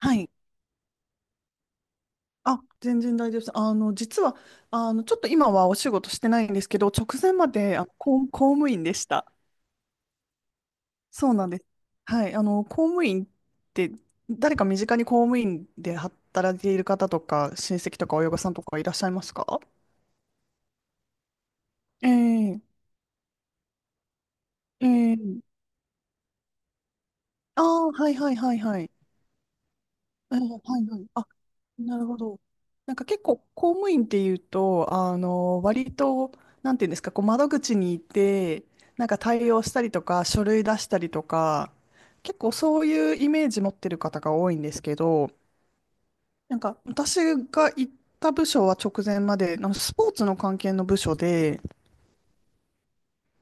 はい。あ、全然大丈夫です。実は、ちょっと今はお仕事してないんですけど、直前まで、公務員でした。そうなんです。はい。公務員って、誰か身近に公務員で働いている方とか、親戚とか親御さんとかいらっしゃいますか？ええええ、ああー、はいはいはいはい。ええ、はいはい。あ、なるほど。なんか結構公務員っていうと、割と、なんていうんですか、こう窓口に行って、なんか対応したりとか、書類出したりとか、結構そういうイメージ持ってる方が多いんですけど、なんか私が行った部署は直前まで、あのスポーツの関係の部署で、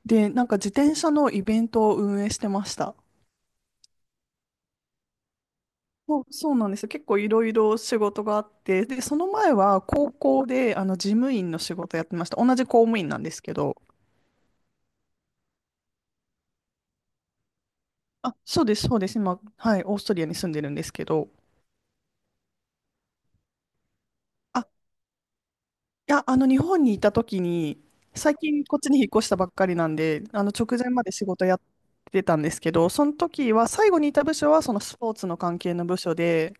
で、なんか自転車のイベントを運営してました。そう、そうなんですよ。結構いろいろ仕事があって、で、その前は高校であの事務員の仕事やってました。同じ公務員なんですけど。あ、そうです、そうです。今、はい、オーストリアに住んでるんですけど。あ、いや、日本にいた時に、最近こっちに引っ越したばっかりなんで、直前まで仕事やってたんですけど、その時は、最後にいた部署は、そのスポーツの関係の部署で、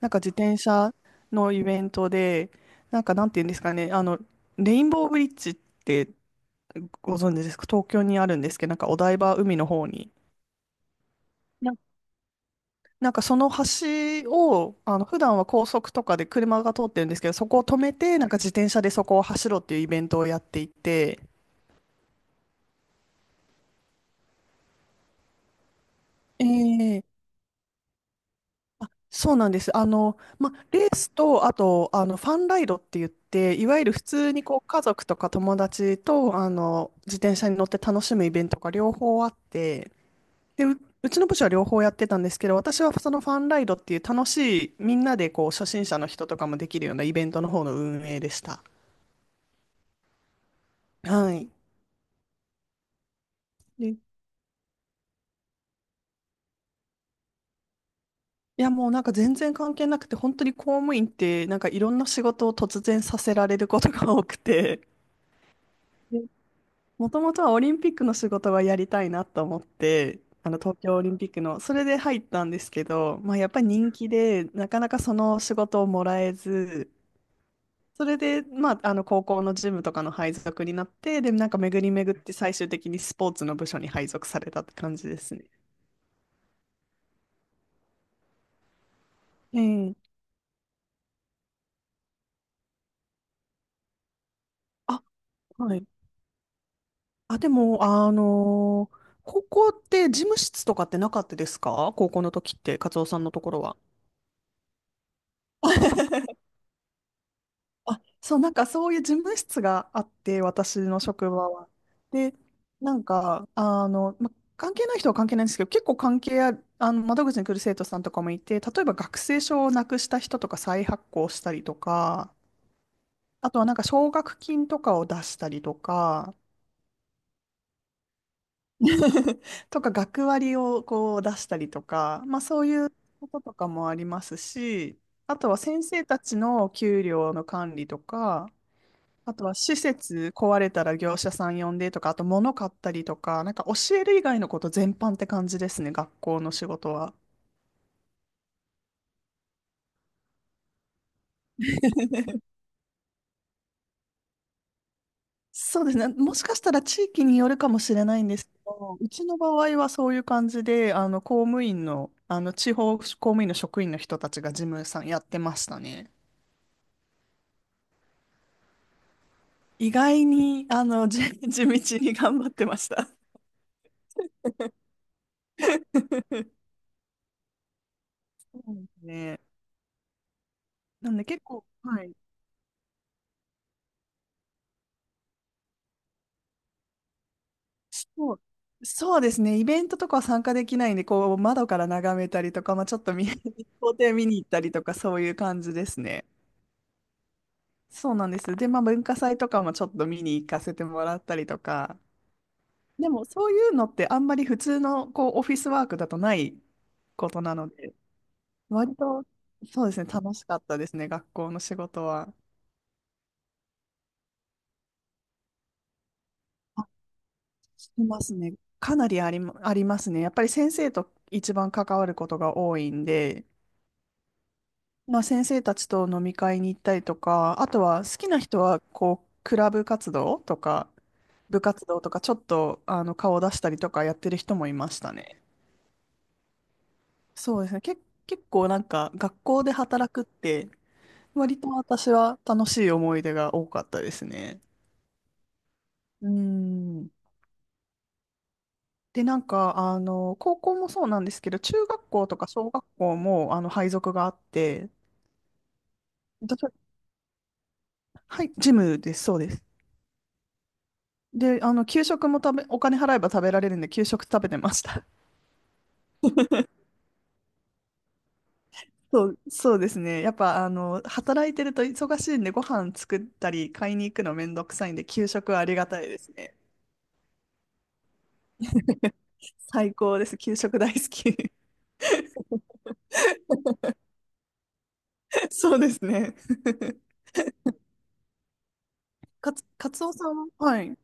なんか自転車のイベントで、なんか、なんていうんですかね、レインボーブリッジって、ご存知ですか？東京にあるんですけど、なんかお台場海の方に。な、なんかその橋を、普段は高速とかで車が通ってるんですけど、そこを止めて、なんか自転車でそこを走ろうっていうイベントをやっていて、ええ、そうなんです。ま、レースと、あと、ファンライドって言って、いわゆる普通にこう、家族とか友達と、自転車に乗って楽しむイベントが両方あって、で、うちの部署は両方やってたんですけど、私はそのファンライドっていう楽しい、みんなでこう初心者の人とかもできるようなイベントの方の運営でした。はい。で、いやもうなんか全然関係なくて、本当に公務員ってなんかいろんな仕事を突然させられることが多くて、もともとはオリンピックの仕事がやりたいなと思って、あの東京オリンピックの、それで入ったんですけど、まあ、やっぱり人気で、なかなかその仕事をもらえず、それで、まあ、あの高校のジムとかの配属になって、で、なんか巡り巡って最終的にスポーツの部署に配属されたって感じですね。ええ、あ、はい。あ、でも、高校って事務室とかってなかったですか？高校の時って、カツオさんのところは。あ、そう、なんかそういう事務室があって、私の職場は。で、なんか、ま、関係ない人は関係ないんですけど、結構関係ある、窓口に来る生徒さんとかもいて、例えば学生証をなくした人とか再発行したりとか、あとはなんか奨学金とかを出したりとか、とか学割をこう出したりとか、まあそういうこととかもありますし、あとは先生たちの給料の管理とか、あとは施設壊れたら業者さん呼んでとか、あと物買ったりとか、なんか教える以外のこと全般って感じですね、学校の仕事は。そうですね。もしかしたら地域によるかもしれないんですけど、うちの場合はそういう感じで、公務員の、地方公務員の職員の人たちが事務さんやってましたね。意外に、地道に頑張ってました。そうですね。なんで結構、はい。そう、そうですね。イベントとかは参加できないんで、こう、窓から眺めたりとか、まあ、ちょっと校庭見に行ったりとか、そういう感じですね。そうなんです。で、まあ、文化祭とかもちょっと見に行かせてもらったりとか、でも、そういうのってあんまり普通の、こう、オフィスワークだとないことなので、割と、そうですね、楽しかったですね、学校の仕事は。あ、しますね。かなりありますね。やっぱり先生と一番関わることが多いんで、まあ、先生たちと飲み会に行ったりとか、あとは好きな人はこうクラブ活動とか部活動とかちょっとあの顔を出したりとかやってる人もいましたね。そうですね。結構なんか学校で働くって割と私は楽しい思い出が多かったですね。うん。で、なんか、高校もそうなんですけど、中学校とか小学校も、配属があって、どちらはい、ジムです、そうです。で、給食もお金払えば食べられるんで、給食食べてました。そう、そうですね。やっぱ、働いてると忙しいんで、ご飯作ったり、買いに行くのめんどくさいんで、給食はありがたいですね。最高です。給食大好き。そうですね。カツオさんは、はい。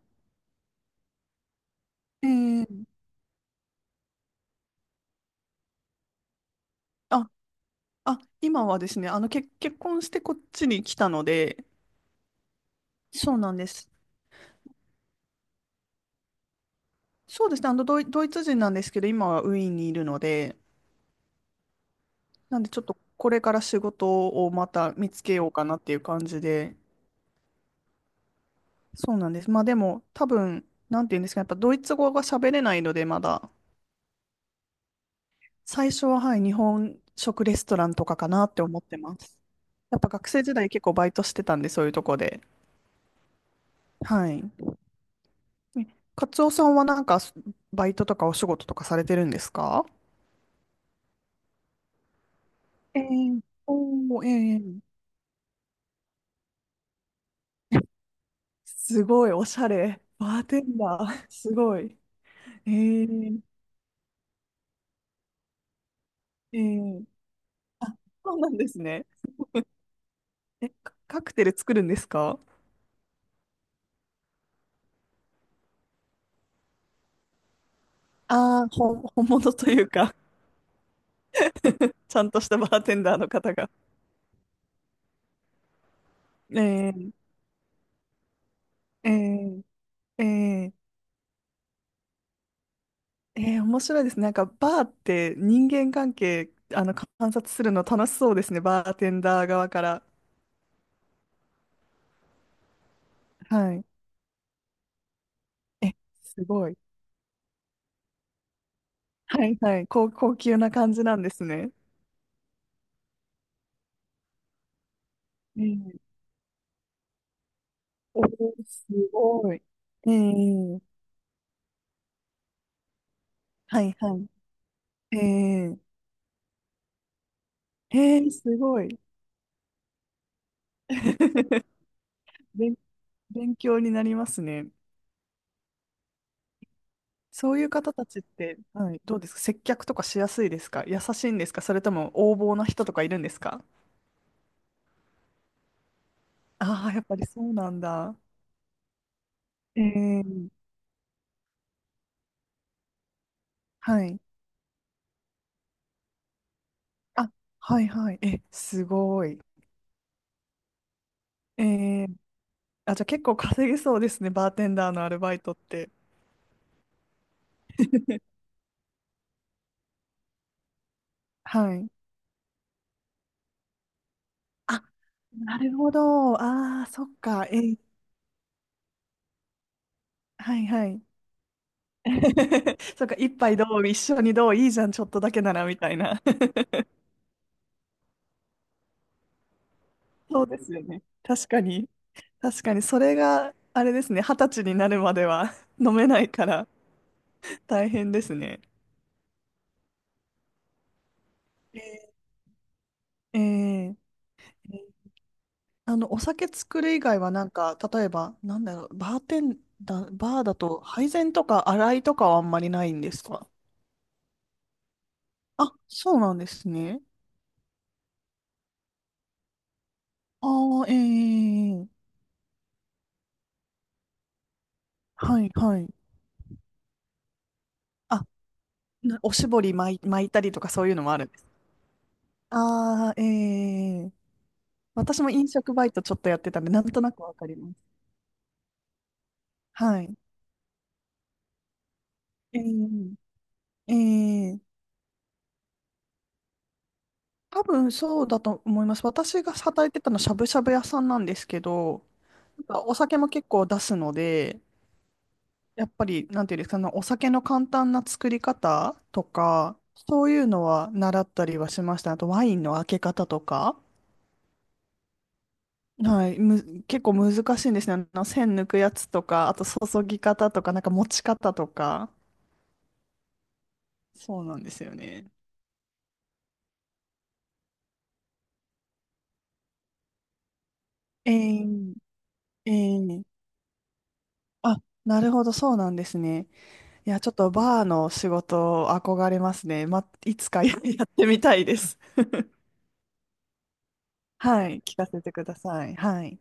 えー、あ、あ、今はですね、結婚してこっちに来たので、そうなんです。そうですね、ドイツ人なんですけど、今はウィーンにいるので、なんでちょっとこれから仕事をまた見つけようかなっていう感じで、そうなんです。まあでも多分、なんていうんですか、やっぱドイツ語が喋れないのでまだ、最初ははい、日本食レストランとかかなって思ってます。やっぱ学生時代結構バイトしてたんで、そういうとこで。はい。えカツオさんはなんかバイトとかお仕事とかされてるんですか？ええ、おー、えー、すごい、おしゃれ。バーテンダー、すごい。ええええ、そうなんですね。え、カクテル作るんですか？ああー、本物というか、ちゃんとしたバーテンダーの方が。えー、えー、えー、えー、面白いですね。なんかバーって人間関係、観察するの楽しそうですね。バーテンダー側から。はい。え、すごい。はいはい。高級な感じなんですね。えー、おー、すごい。えー、はいはい。えー、えー、すごい。勉、勉強になりますね。そういう方たちって、はい、どうですか？接客とかしやすいですか？優しいんですか？それとも横暴な人とかいるんですか？ああー、やっぱりそうなんだ。ええ、はい。あ、はいはい。え、すごい。ええ、あ、じゃあ結構稼げそうですね、バーテンダーのアルバイトって。はい。あ、なるほど。ああ、そっか。えー、はいはい。そっか、一杯どう、一緒にどう、いいじゃん、ちょっとだけなら、みたいな。そうですよね。確かに。確かにそれがあれですね、二十歳になるまでは 飲めないから大変ですね。えー、えー、お酒作る以外はなんか、例えば、なんだろう、バーテンダー、バーだと配膳とか洗いとかはあんまりないんですか？あ、そうなんですね。ああ、ええ、はい、はい。あ、なおしぼり巻いたりとかそういうのもあるんです。ああ、ええ、私も飲食バイトちょっとやってたんで、なんとなくわかります。はい。ええええ、多分そうだと思います。私が働いてたのしゃぶしゃぶ屋さんなんですけど、なんかお酒も結構出すので、やっぱり、なんていうんですか、あのお酒の簡単な作り方とか、そういうのは習ったりはしました。あとワインの開け方とか、はい、結構難しいんですね。栓抜くやつとか、あと注ぎ方とか、なんか持ち方とか、そうなんですよね。ええええ、あ、なるほど、そうなんですね。いや、ちょっとバーの仕事憧れますね。ま、いつかやってみたいです。はい。聞かせてください。はい。